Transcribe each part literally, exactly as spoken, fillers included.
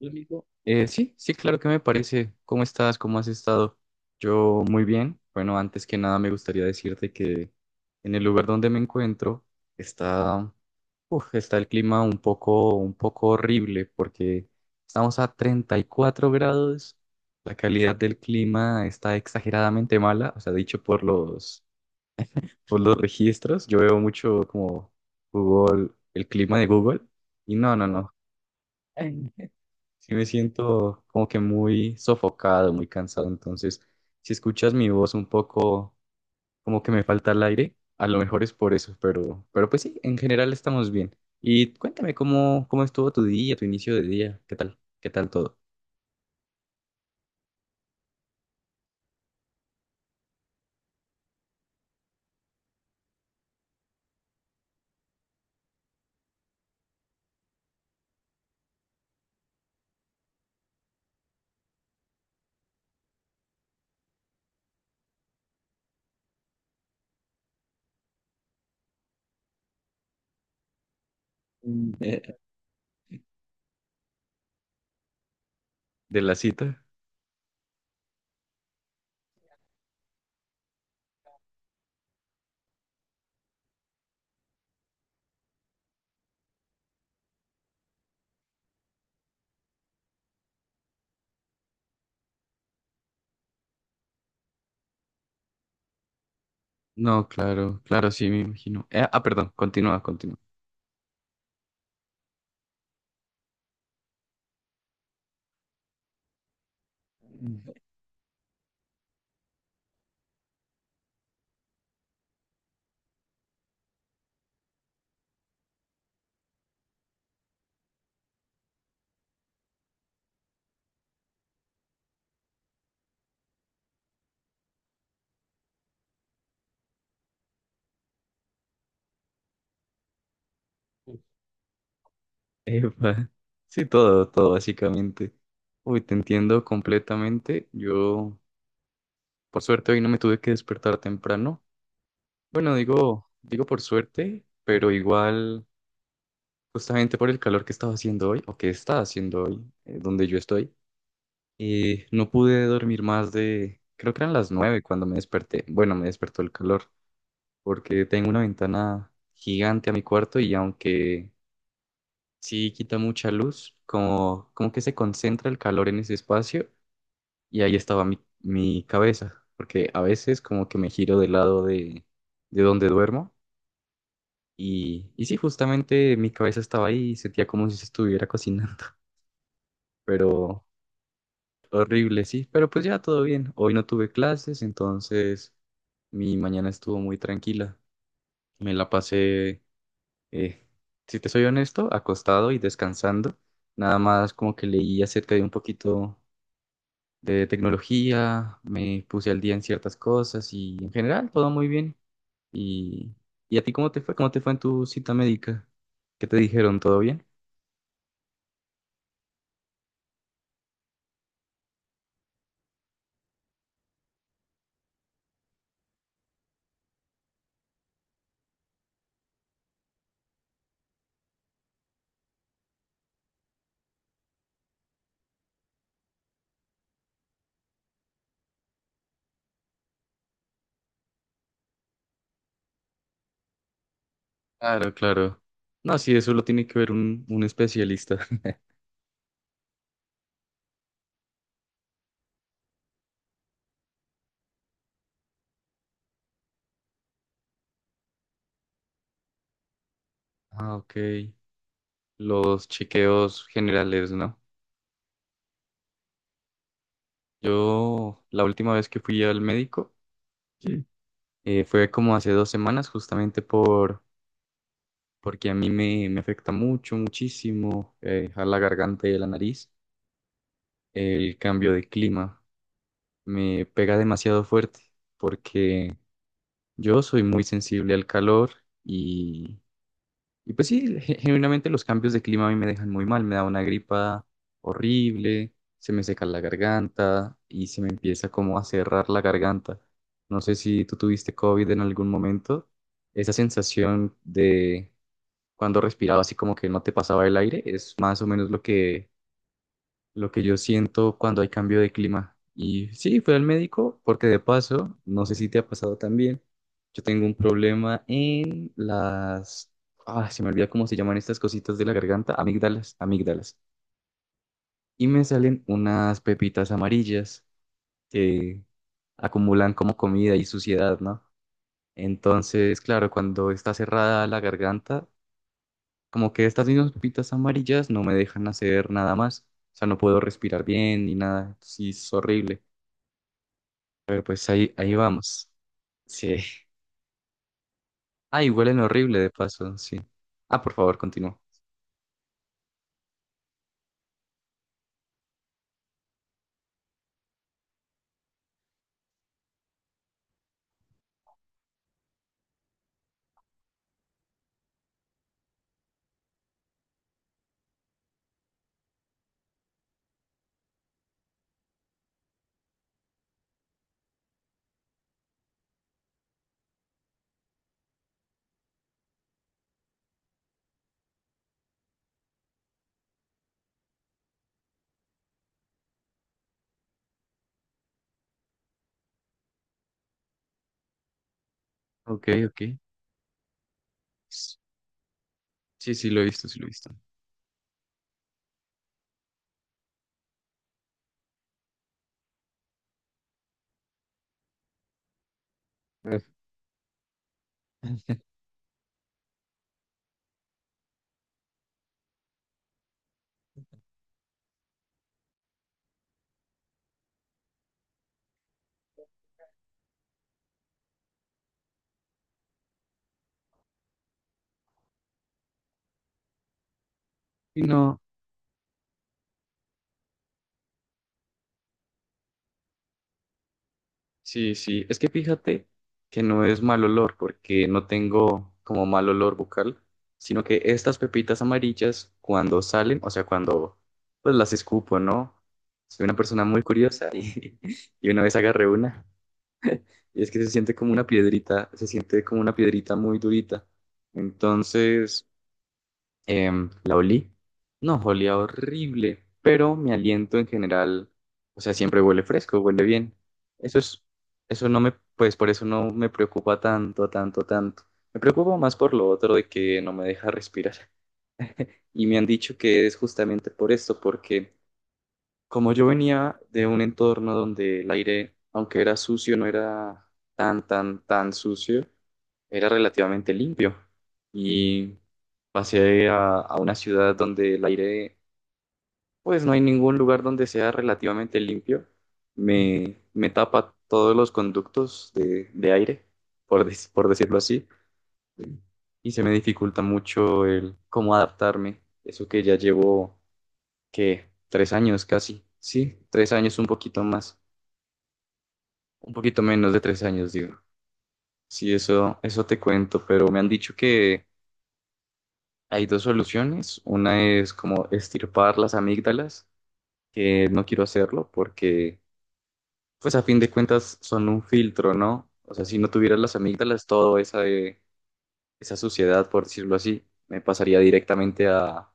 Hola, amigo. Eh, sí, sí, claro que me parece. ¿Cómo estás? ¿Cómo has estado? Yo muy bien. Bueno, antes que nada me gustaría decirte que en el lugar donde me encuentro está, uf, está el clima un poco, un poco horrible porque estamos a treinta y cuatro grados. La calidad del clima está exageradamente mala, o sea, dicho por los, por los registros. Yo veo mucho como Google, el clima de Google y no, no, no. Sí me siento como que muy sofocado, muy cansado, entonces si escuchas mi voz un poco como que me falta el aire, a lo mejor es por eso, pero, pero pues sí, en general estamos bien. Y cuéntame cómo, cómo estuvo tu día, tu inicio de día, qué tal, qué tal todo. Mm, eh, ¿De la cita? No, claro, claro, sí, me imagino. Eh, ah, perdón, continúa, continúa. mm, Epa. Sí, todo, todo, básicamente. Uy, te entiendo completamente. Yo, por suerte, hoy no me tuve que despertar temprano. Bueno, digo, digo por suerte, pero igual, justamente por el calor que estaba haciendo hoy, o que está haciendo hoy, eh, donde yo estoy, eh, no pude dormir más de, creo que eran las nueve cuando me desperté. Bueno, me despertó el calor, porque tengo una ventana gigante a mi cuarto y aunque sí quita mucha luz, como, como que se concentra el calor en ese espacio y ahí estaba mi, mi cabeza, porque a veces como que me giro del lado de, de donde duermo. Y, y sí, justamente mi cabeza estaba ahí y sentía como si se estuviera cocinando, pero horrible, sí, pero pues ya todo bien. Hoy no tuve clases, entonces mi mañana estuvo muy tranquila. Me la pasé, eh, si te soy honesto, acostado y descansando. Nada más como que leí acerca de un poquito de tecnología, me puse al día en ciertas cosas y en general todo muy bien. ¿Y, y a ti cómo te fue? ¿Cómo te fue en tu cita médica? ¿Qué te dijeron? ¿Todo bien? Claro, claro. No, sí, eso lo tiene que ver un, un especialista. Ah, ok. Los chequeos generales, ¿no? Yo, la última vez que fui al médico, sí, eh, fue como hace dos semanas, justamente por, porque a mí me, me afecta mucho, muchísimo, eh, a la garganta y a la nariz, el cambio de clima. Me pega demasiado fuerte porque yo soy muy sensible al calor. Y pues sí, ge- genuinamente los cambios de clima a mí me dejan muy mal, me da una gripa horrible, se me seca la garganta y se me empieza como a cerrar la garganta. No sé si tú tuviste COVID en algún momento, esa sensación de cuando respiraba así como que no te pasaba el aire es más o menos lo que lo que yo siento cuando hay cambio de clima. Y sí, fui al médico porque de paso, no sé si te ha pasado también, yo tengo un problema en las... Ah, se me olvida cómo se llaman estas cositas de la garganta, amígdalas, amígdalas. Y me salen unas pepitas amarillas que acumulan como comida y suciedad, ¿no? Entonces, claro, cuando está cerrada la garganta, como que estas mismas pepitas amarillas no me dejan hacer nada más. O sea, no puedo respirar bien ni nada. Sí, es horrible. Pues ahí, ahí vamos. Sí. Ay, huelen horrible de paso, sí. Ah, por favor, continúa. Ok, ok. S- Sí, sí, lo he visto, sí, lo he visto. Eh. Y no, sí, sí. Es que fíjate que no es mal olor, porque no tengo como mal olor bucal, sino que estas pepitas amarillas, cuando salen, o sea, cuando pues las escupo, ¿no? Soy una persona muy curiosa y, y una vez agarré una. Y es que se siente como una piedrita, se siente como una piedrita muy durita. Entonces, Em, la olí. No, olía horrible, pero mi aliento en general, o sea, siempre huele fresco, huele bien. Eso es, eso no me, pues por eso no me preocupa tanto, tanto, tanto. Me preocupa más por lo otro de que no me deja respirar. Y me han dicho que es justamente por esto, porque como yo venía de un entorno donde el aire, aunque era sucio, no era tan, tan, tan sucio, era relativamente limpio. Y pasé a, a una ciudad donde el aire, pues no hay ningún lugar donde sea relativamente limpio. Me, me tapa todos los conductos de, de aire, por, dec- por decirlo así, y se me dificulta mucho el cómo adaptarme. Eso que ya llevo, que tres años casi, sí, tres años, un poquito más, un poquito menos de tres años, digo. Sí, eso, eso te cuento, pero me han dicho que hay dos soluciones. Una es como estirpar las amígdalas, que no quiero hacerlo porque, pues a fin de cuentas, son un filtro, ¿no? O sea, si no tuvieras las amígdalas, toda esa, eh, esa suciedad, por decirlo así, me pasaría directamente a,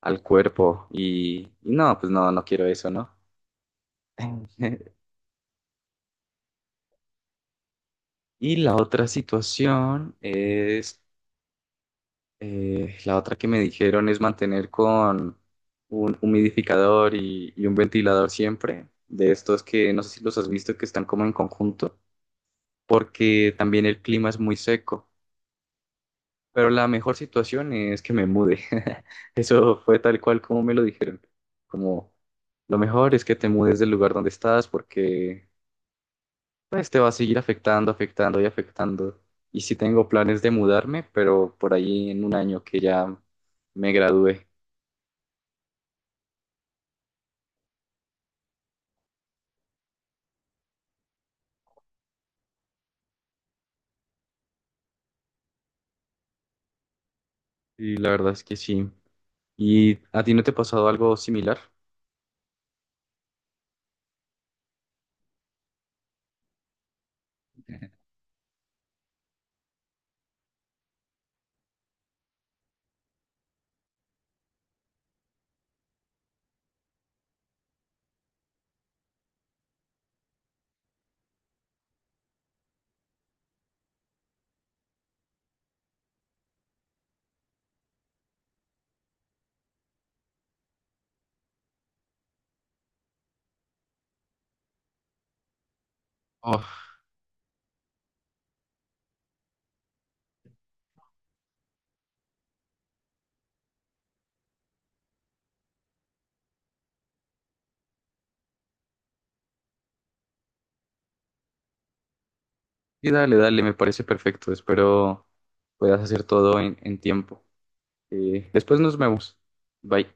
al cuerpo y, y, no, pues no, no quiero eso, ¿no? Y la otra situación es, eh, la otra que me dijeron es mantener con un humidificador y, y un ventilador siempre, de estos que no sé si los has visto que están como en conjunto. Porque también el clima es muy seco. Pero la mejor situación es que me mude. Eso fue tal cual como me lo dijeron. Como lo mejor es que te mudes del lugar donde estás porque pues te va a seguir afectando, afectando y afectando. Y sí tengo planes de mudarme, pero por ahí en un año que ya me gradué. Y la verdad es que sí. ¿Y a ti no te ha pasado algo similar? Oh, y dale, dale, me parece perfecto. Espero puedas hacer todo en, en tiempo. Eh, después nos vemos. Bye.